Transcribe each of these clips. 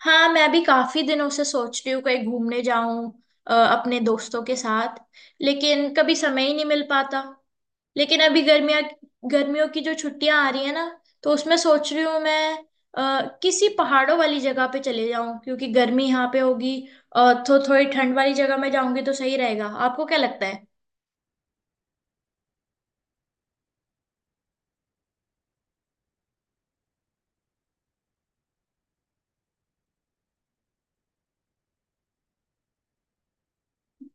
हाँ, मैं भी काफी दिनों से सोच रही हूँ कहीं घूमने जाऊं अपने दोस्तों के साथ। लेकिन कभी समय ही नहीं मिल पाता। लेकिन अभी गर्मियाँ, गर्मियों की जो छुट्टियां आ रही है ना, तो उसमें सोच रही हूँ मैं किसी पहाड़ों वाली जगह पे चले जाऊं, क्योंकि गर्मी यहाँ पे होगी। और तो थोड़ी ठंड वाली जगह में जाऊंगी तो सही रहेगा। आपको क्या लगता है?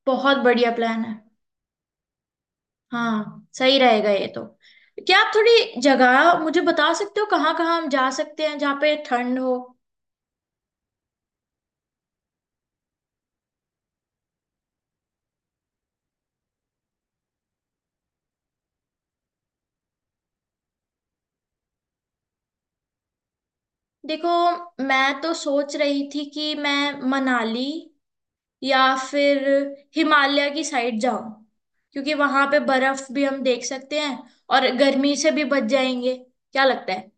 बहुत बढ़िया प्लान है। हाँ, सही रहेगा ये तो। क्या आप थोड़ी जगह मुझे बता सकते हो कहाँ कहाँ हम जा सकते हैं जहाँ पे ठंड हो? देखो, मैं तो सोच रही थी कि मैं मनाली या फिर हिमालय की साइड जाऊं, क्योंकि वहां पे बर्फ भी हम देख सकते हैं और गर्मी से भी बच जाएंगे। क्या लगता है?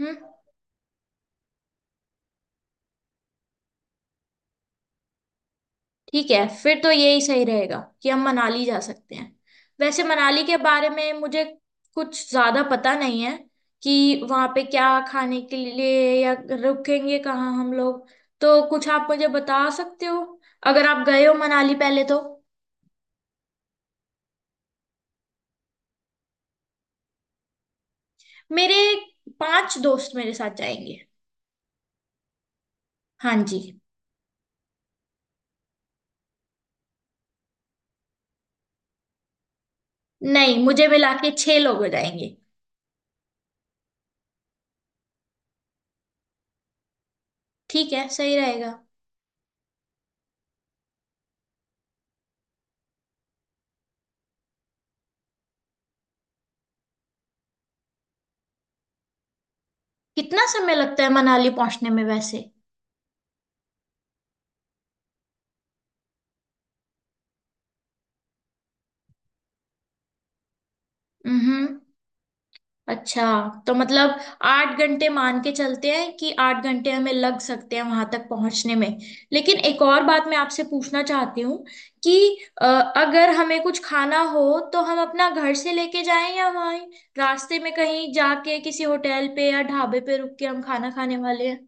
हम्म। ठीक है, फिर तो यही सही रहेगा कि हम मनाली जा सकते हैं। वैसे मनाली के बारे में मुझे कुछ ज्यादा पता नहीं है कि वहां पे क्या खाने के लिए या रुकेंगे कहाँ हम लोग, तो कुछ आप मुझे बता सकते हो अगर आप गए हो मनाली पहले तो। मेरे पांच दोस्त मेरे साथ जाएंगे। हाँ जी। नहीं, मुझे मिला के छह लोग हो जाएंगे। ठीक है, सही रहेगा। कितना समय लगता है मनाली पहुंचने में वैसे? हम्म, अच्छा। तो मतलब 8 घंटे मान के चलते हैं कि 8 घंटे हमें लग सकते हैं वहां तक पहुंचने में। लेकिन एक और बात मैं आपसे पूछना चाहती हूँ कि अगर हमें कुछ खाना हो तो हम अपना घर से लेके जाएं या वहीं रास्ते में कहीं जाके किसी होटल पे या ढाबे पे रुक के हम खाना खाने वाले हैं।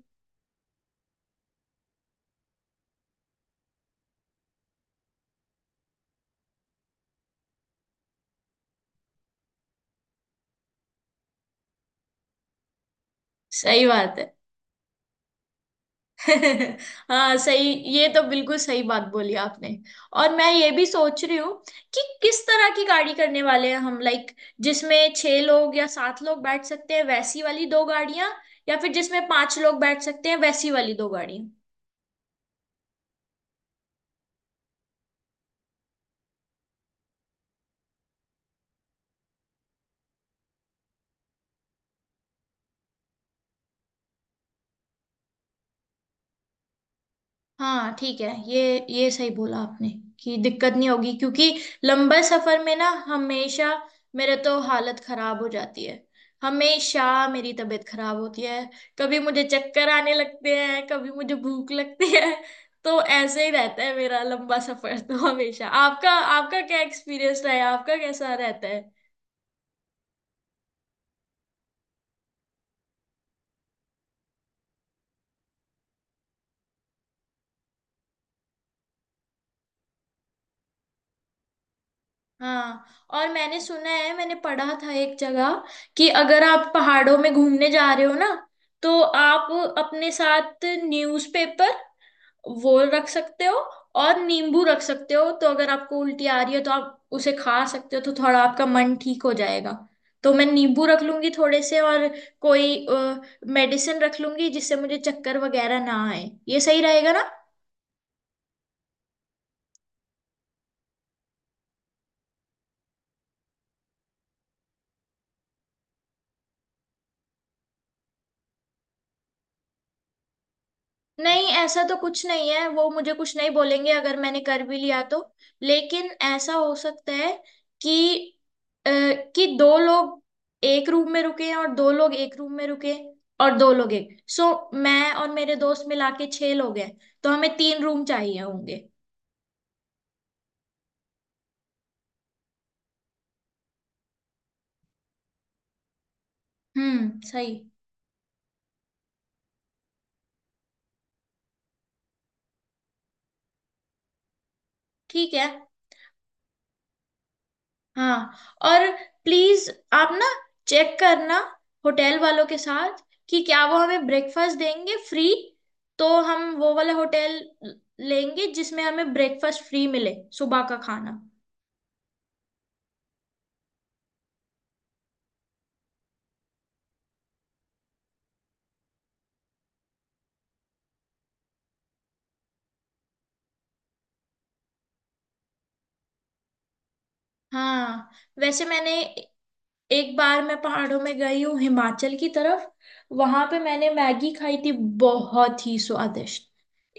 सही बात है। हाँ, सही। ये तो बिल्कुल सही बात बोली आपने। और मैं ये भी सोच रही हूँ कि किस तरह की गाड़ी करने वाले हैं हम, लाइक जिसमें छह लोग या सात लोग बैठ सकते हैं वैसी वाली दो गाड़ियां, या फिर जिसमें पांच लोग बैठ सकते हैं वैसी वाली दो गाड़ियां। हाँ, ठीक है। ये सही बोला आपने कि दिक्कत नहीं होगी, क्योंकि लंबे सफर में ना हमेशा मेरे तो हालत खराब हो जाती है। हमेशा मेरी तबीयत खराब होती है। कभी मुझे चक्कर आने लगते हैं, कभी मुझे भूख लगती है। तो ऐसे ही रहता है मेरा लंबा सफर तो हमेशा। आपका, आपका क्या एक्सपीरियंस रहा है? आपका कैसा रहता? हाँ, और मैंने सुना है, मैंने पढ़ा था एक जगह कि अगर आप पहाड़ों में घूमने जा रहे हो ना, तो आप अपने साथ न्यूज़पेपर वो रख सकते हो, और नींबू रख सकते हो। तो अगर आपको उल्टी आ रही है तो आप उसे खा सकते हो तो थोड़ा आपका मन ठीक हो जाएगा। तो मैं नींबू रख लूंगी थोड़े से, और कोई मेडिसिन रख लूंगी जिससे मुझे चक्कर वगैरह ना आए। ये सही रहेगा ना? नहीं, ऐसा तो कुछ नहीं है, वो मुझे कुछ नहीं बोलेंगे अगर मैंने कर भी लिया तो। लेकिन ऐसा हो सकता है कि अ, कि दो लोग एक रूम में रुके, और दो लोग एक रूम में रुके, और दो लोग एक, सो मैं और मेरे दोस्त मिला के छह लोग हैं, तो हमें तीन रूम चाहिए होंगे। हम्म, सही। ठीक है। हाँ। और प्लीज आप ना चेक करना होटल वालों के साथ कि क्या वो हमें ब्रेकफास्ट देंगे फ्री, तो हम वो वाला होटल लेंगे जिसमें हमें ब्रेकफास्ट फ्री मिले, सुबह का खाना। हाँ, वैसे मैंने, एक बार मैं पहाड़ों में गई हूँ हिमाचल की तरफ, वहां पे मैंने मैगी खाई थी, बहुत ही स्वादिष्ट,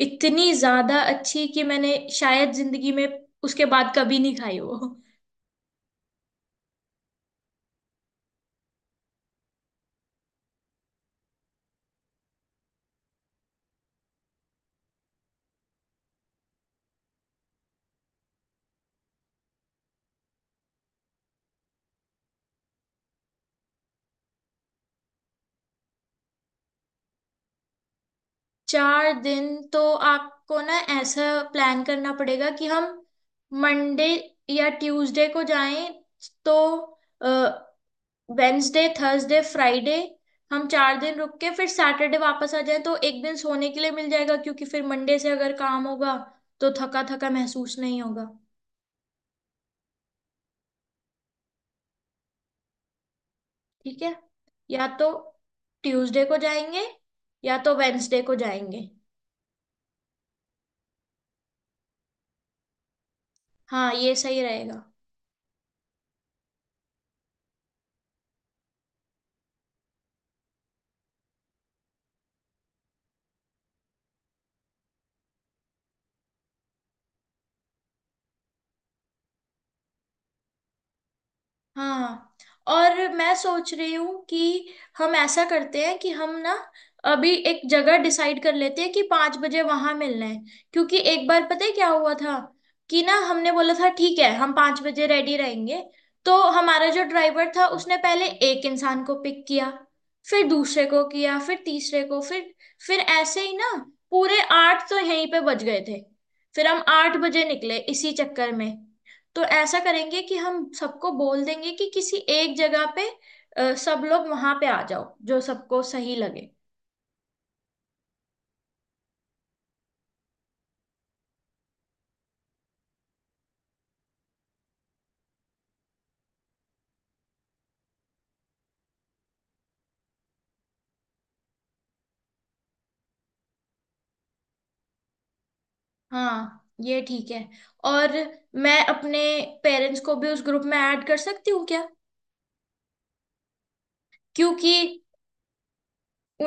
इतनी ज्यादा अच्छी कि मैंने शायद जिंदगी में उसके बाद कभी नहीं खाई वो। चार दिन? तो आपको ना ऐसा प्लान करना पड़ेगा कि हम मंडे या ट्यूसडे को जाएं, तो वेंसडे थर्सडे फ्राइडे हम 4 दिन रुक के फिर सैटरडे वापस आ जाएं, तो एक दिन सोने के लिए मिल जाएगा, क्योंकि फिर मंडे से अगर काम होगा तो थका थका महसूस नहीं होगा। ठीक है, या तो ट्यूसडे को जाएंगे, या तो वेंसडे को जाएंगे। हाँ, ये सही रहेगा। हाँ, और मैं सोच रही हूँ कि हम ऐसा करते हैं कि हम ना अभी एक जगह डिसाइड कर लेते हैं कि 5 बजे वहां मिलना है, क्योंकि एक बार पता है क्या हुआ था? कि ना हमने बोला था ठीक है हम 5 बजे रेडी रहेंगे, तो हमारा जो ड्राइवर था उसने पहले एक इंसान को पिक किया, फिर दूसरे को किया, फिर तीसरे को, फिर ऐसे ही ना, पूरे 8 तो यहीं पे बज गए थे, फिर हम 8 बजे निकले इसी चक्कर में। तो ऐसा करेंगे कि हम सबको बोल देंगे कि किसी एक जगह पे सब लोग वहां पे आ जाओ जो सबको सही लगे। हाँ, ये ठीक है। और मैं अपने पेरेंट्स को भी उस ग्रुप में ऐड कर सकती हूँ क्या? क्योंकि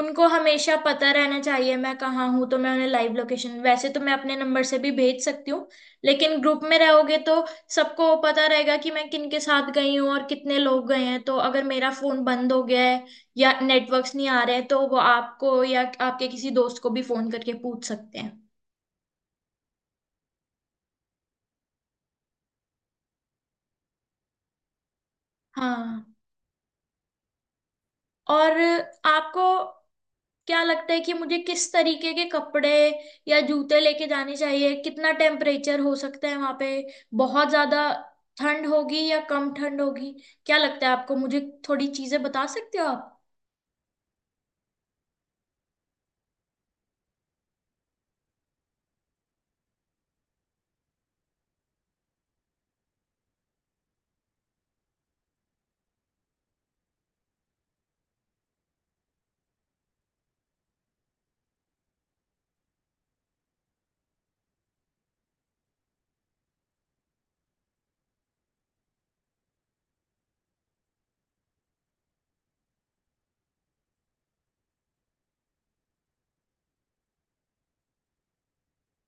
उनको हमेशा पता रहना चाहिए मैं कहाँ हूँ, तो मैं उन्हें लाइव लोकेशन, वैसे तो मैं अपने नंबर से भी भेज सकती हूँ, लेकिन ग्रुप में रहोगे तो सबको पता रहेगा कि मैं किन के साथ गई हूँ और कितने लोग गए हैं, तो अगर मेरा फोन बंद हो गया है या नेटवर्क्स नहीं आ रहे हैं तो वो आपको या आपके किसी दोस्त को भी फोन करके पूछ सकते हैं। हाँ। और आपको क्या लगता है कि मुझे किस तरीके के कपड़े या जूते लेके जाने चाहिए? कितना टेम्परेचर हो सकता है वहां पे? बहुत ज्यादा ठंड होगी या कम ठंड होगी? क्या लगता है आपको? मुझे थोड़ी चीजें बता सकते हो आप?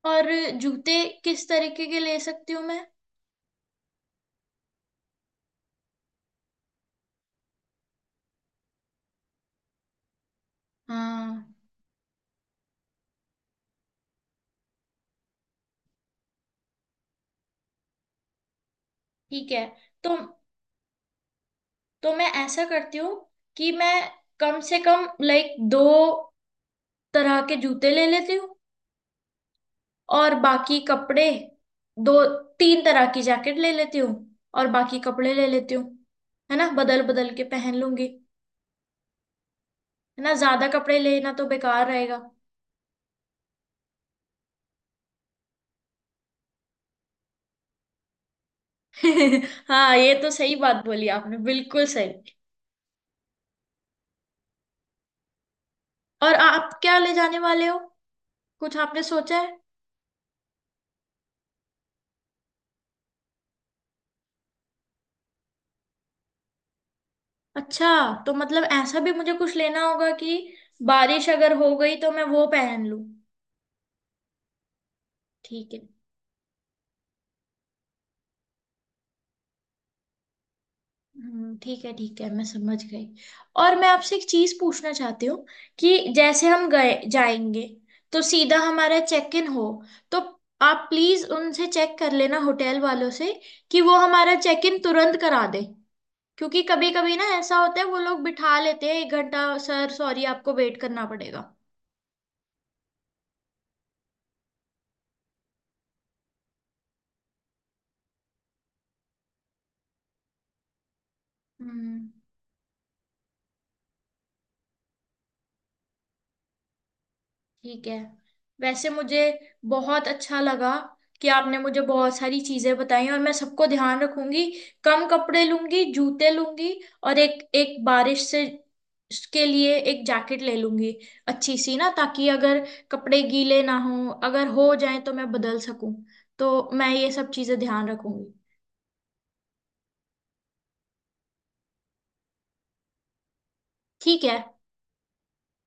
और जूते किस तरीके के ले सकती हूँ मैं? हाँ, ठीक है। तो तो मैं ऐसा करती हूँ कि मैं कम से कम लाइक दो तरह के जूते ले लेती हूँ, और बाकी कपड़े, दो तीन तरह की जैकेट ले लेती हूँ और बाकी कपड़े ले लेती हूँ, है ना, बदल बदल के पहन लूंगी। है ना, ज्यादा कपड़े लेना तो बेकार रहेगा। हाँ, ये तो सही बात बोली आपने, बिल्कुल सही। और आप क्या ले जाने वाले हो? कुछ आपने सोचा है? अच्छा, तो मतलब ऐसा भी मुझे कुछ लेना होगा कि बारिश अगर हो गई तो मैं वो पहन लूं? ठीक है। ठीक है, ठीक है, मैं समझ गई। और मैं आपसे एक चीज पूछना चाहती हूँ कि जैसे हम गए जाएंगे तो सीधा हमारा चेक इन हो, तो आप प्लीज उनसे चेक कर लेना होटल वालों से कि वो हमारा चेक इन तुरंत करा दे, क्योंकि कभी कभी ना ऐसा होता है वो लोग बिठा लेते हैं 1 घंटा, सर सॉरी आपको वेट करना पड़ेगा। हम्म, ठीक है। वैसे मुझे बहुत अच्छा लगा कि आपने मुझे बहुत सारी चीजें बताई, और मैं सबको ध्यान रखूंगी। कम कपड़े लूंगी, जूते लूंगी, और एक एक बारिश से के लिए एक जैकेट ले लूंगी, अच्छी सी ना, ताकि अगर कपड़े गीले ना हो, अगर हो जाए तो मैं बदल सकूं, तो मैं ये सब चीजें ध्यान रखूंगी। ठीक है।